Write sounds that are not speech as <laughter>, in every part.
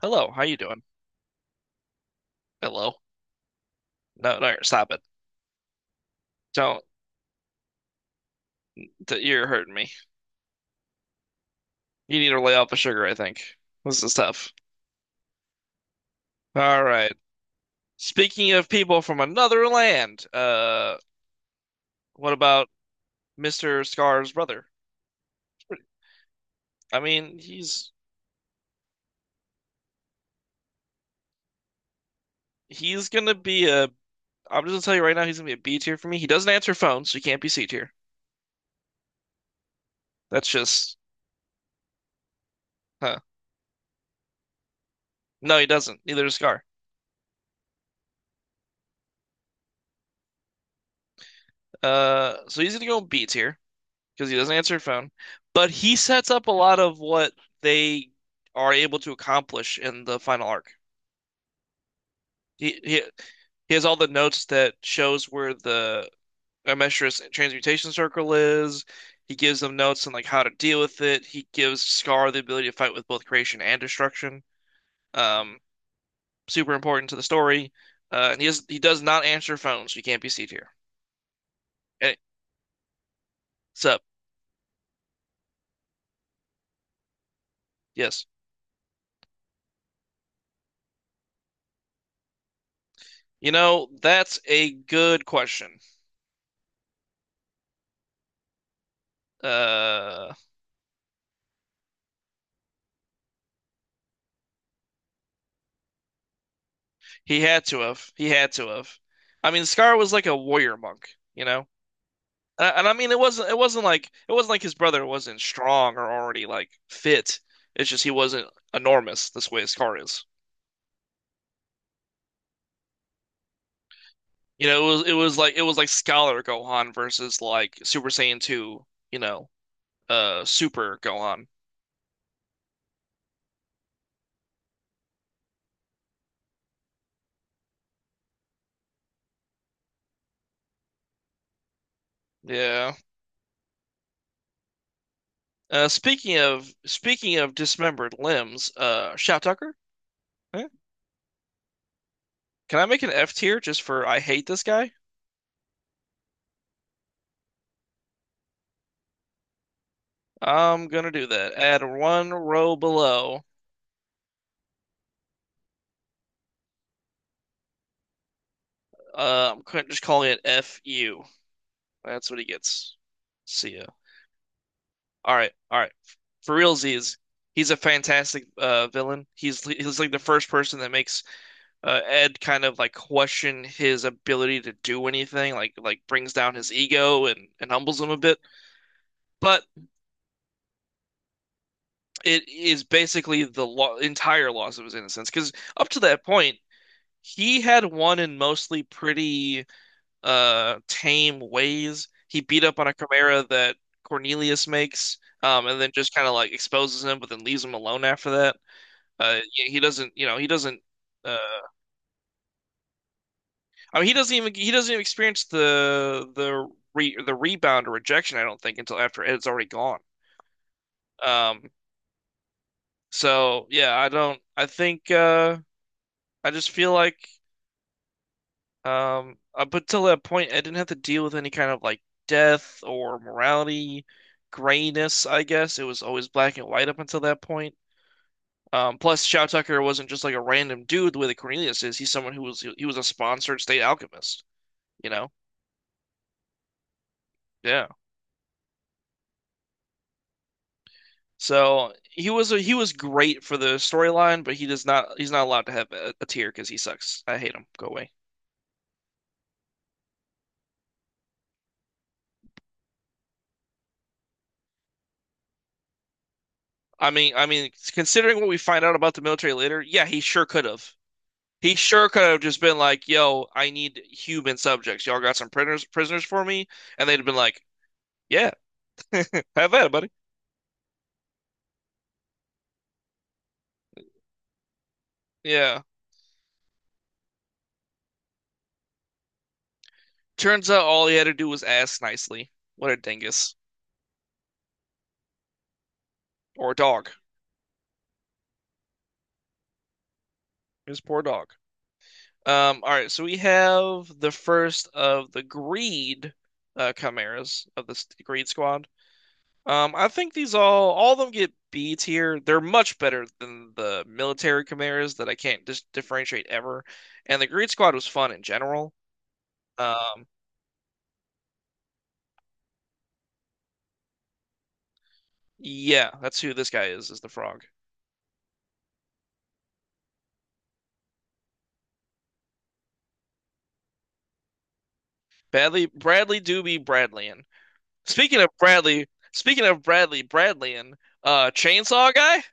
Hello, how you doing? Hello. No, no, stop it. Don't. You're hurting me. You need to lay off the sugar, I think. This is tough. All right. Speaking of people from another land, what about Mr. Scar's brother? I mean, he's gonna be a. I'm just gonna tell you right now, he's gonna be a B tier for me. He doesn't answer phones, so he can't be C tier. That's just, huh? No, he doesn't. Neither does Scar. So he's gonna go B tier, because he doesn't answer phone. But he sets up a lot of what they are able to accomplish in the final arc. He he, he has all the notes that shows where the Amestris transmutation circle is. He gives them notes on like how to deal with it. He gives Scar the ability to fight with both creation and destruction. Um, Super important to the story. And he does not answer phones. So you can't be seated here. Hey, sup? Yes. You know, that's a good question. Uh, He had to have. He had to have. I mean, Scar was like a warrior monk, you know? And, I mean, it wasn't like his brother wasn't strong or already like fit. It's just he wasn't enormous this way Scar is. You know, it was like Scholar Gohan versus like Super Saiyan 2, you know, Super Gohan. Yeah. Speaking of dismembered limbs, Shout Tucker, eh? Can I make an F tier just for I hate this guy? I'm gonna do that. Add one row below. I'm just calling it FU. That's what he gets. See ya. All right, all right. For realsies, he's a fantastic villain. He's like the first person that makes Ed kind of like question his ability to do anything, like brings down his ego and humbles him a bit. But it is basically the lo entire loss of his innocence because up to that point, he had won in mostly pretty tame ways. He beat up on a chimera that Cornelius makes, and then just kind of like exposes him, but then leaves him alone after that. Yeah, he doesn't. Uh, I mean, he doesn't even experience the the rebound or rejection. I don't think until after Ed's already gone. Um, so yeah, I don't. I think I just feel like. Up until that point, I didn't have to deal with any kind of like death or morality, grayness, I guess. It was always black and white up until that point. Plus, Shao Tucker wasn't just like a random dude the way that Cornelius is. He's someone who was he was a sponsored state alchemist, you know? Yeah. So he was great for the storyline, but he's not allowed to have a tier because he sucks. I hate him. Go away. I mean, considering what we find out about the military later, yeah, he sure could have. He sure could have just been like, "Yo, I need human subjects. Y'all got some prisoners for me?" And they'd have been like, "Yeah, have at it, buddy." Yeah. Turns out all he had to do was ask nicely. What a dingus. Or dog. His poor dog. All right, so we have the first of the greed chimeras of the greed squad. I think these all of them get B tier. They're much better than the military chimeras that I can't dis differentiate ever. And the greed squad was fun in general. Um, yeah, that's who this guy is the frog. Bradley Doobie Bradleyan. Speaking of Bradley, speaking of Bradley Bradleyan, Chainsaw guy,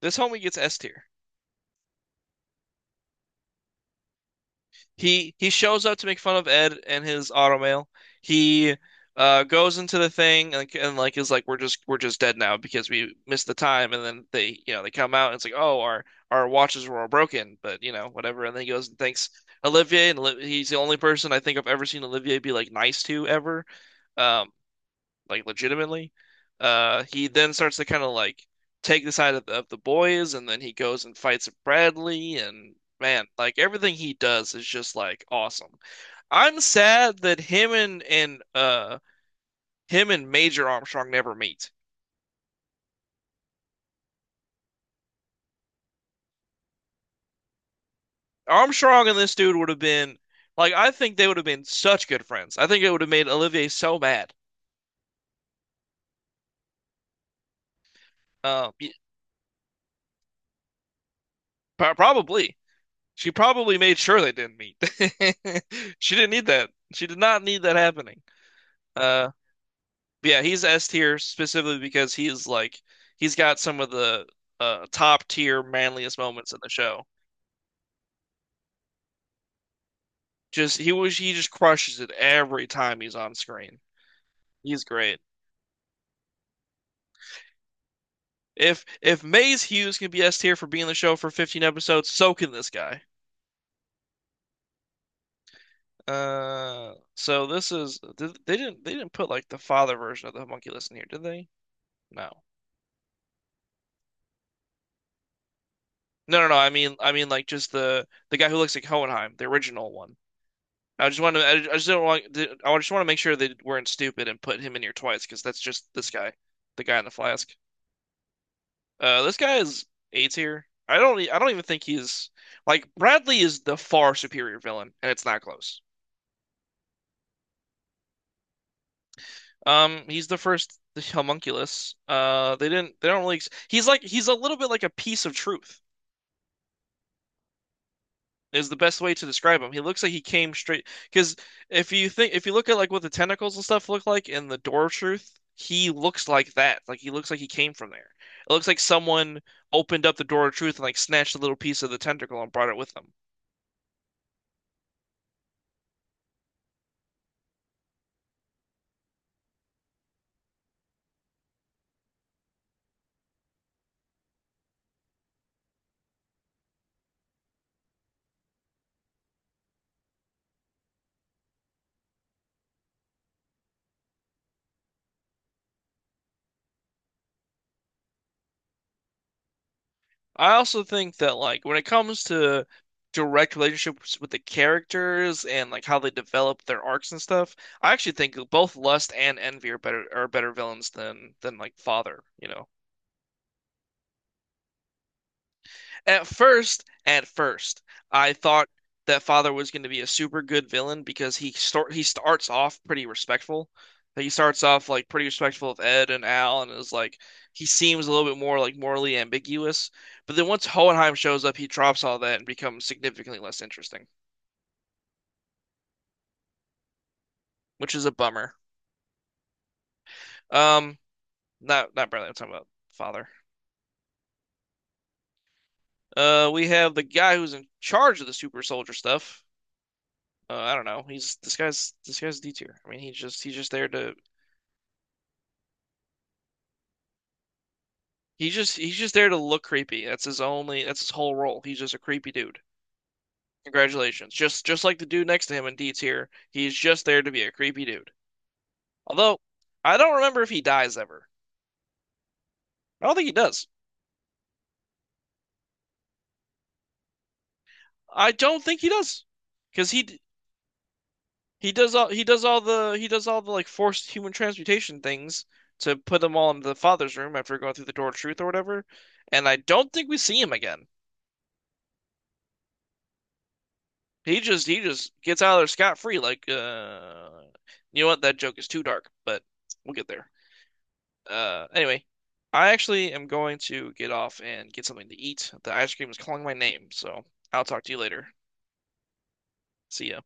this homie gets S tier. He shows up to make fun of Ed and his automail. He goes into the thing and, like is like we're just dead now because we missed the time, and then they, you know, they come out and it's like, oh, our watches were all broken, but you know whatever, and then he goes and thanks Olivier, and he's the only person I think I've ever seen Olivier be like nice to ever. Um like legitimately. He then starts to kind of like take the side of of the boys, and then he goes and fights Bradley. And man, like everything he does is just like awesome. I'm sad that him and him and Major Armstrong never meet. Armstrong and this dude would have been like I think they would have been such good friends. I think it would have made Olivier so mad. Um, y- Probably she probably made sure they didn't meet. <laughs> She didn't need that. She did not need that happening. Uh, yeah, he's S tier specifically because he's got some of the top tier manliest moments in the show. Just he just crushes it every time he's on screen. He's great. If Maze Hughes can be S tier for being in the show for 15 episodes, so can this guy. So this is they didn't put like the father version of the homunculus in here, did they? No. No, no, no. I mean, like just the guy who looks like Hohenheim, the original one. I just want to. I just don't want. I just want to make sure they weren't stupid and put him in here twice because that's just this guy, the guy in the flask. This guy is A tier. I don't. I don't even think he's like Bradley is the far superior villain, and it's not close. He's the first the homunculus. They didn't. They don't really. He's like. He's a little bit like a piece of truth. Is the best way to describe him. He looks like he came straight because if you look at like what the tentacles and stuff look like in the Door of Truth, he looks like that. Like he looks like he came from there. It looks like someone opened up the Door of Truth and like snatched a little piece of the tentacle and brought it with them. I also think that like when it comes to direct relationships with the characters and like how they develop their arcs and stuff, I actually think both Lust and Envy are better villains than like Father, you know. At first, I thought that Father was going to be a super good villain because he starts off pretty respectful. Like, he starts off like pretty respectful of Ed and Al, and is like he seems a little bit more like morally ambiguous. But then once Hohenheim shows up, he drops all that and becomes significantly less interesting, which is a bummer. Um, Not not Bradley. I'm talking about Father. We have the guy who's in charge of the super soldier stuff. I don't know. He's This guy's D tier. I mean, he's just there to he's just there to look creepy. That's his only that's his whole role. He's just a creepy dude. Congratulations. Just like the dude next to him in Deets here, he's just there to be a creepy dude. Although I don't remember if he dies ever. I don't think he does. I don't think he does. Because he does all the like forced human transmutation things to put them all into the father's room after going through the door of truth or whatever. And I don't think we see him again. He just gets out of there scot free. Like, you know what? That joke is too dark, but we'll get there. Anyway, I actually am going to get off and get something to eat. The ice cream is calling my name, so I'll talk to you later. See ya.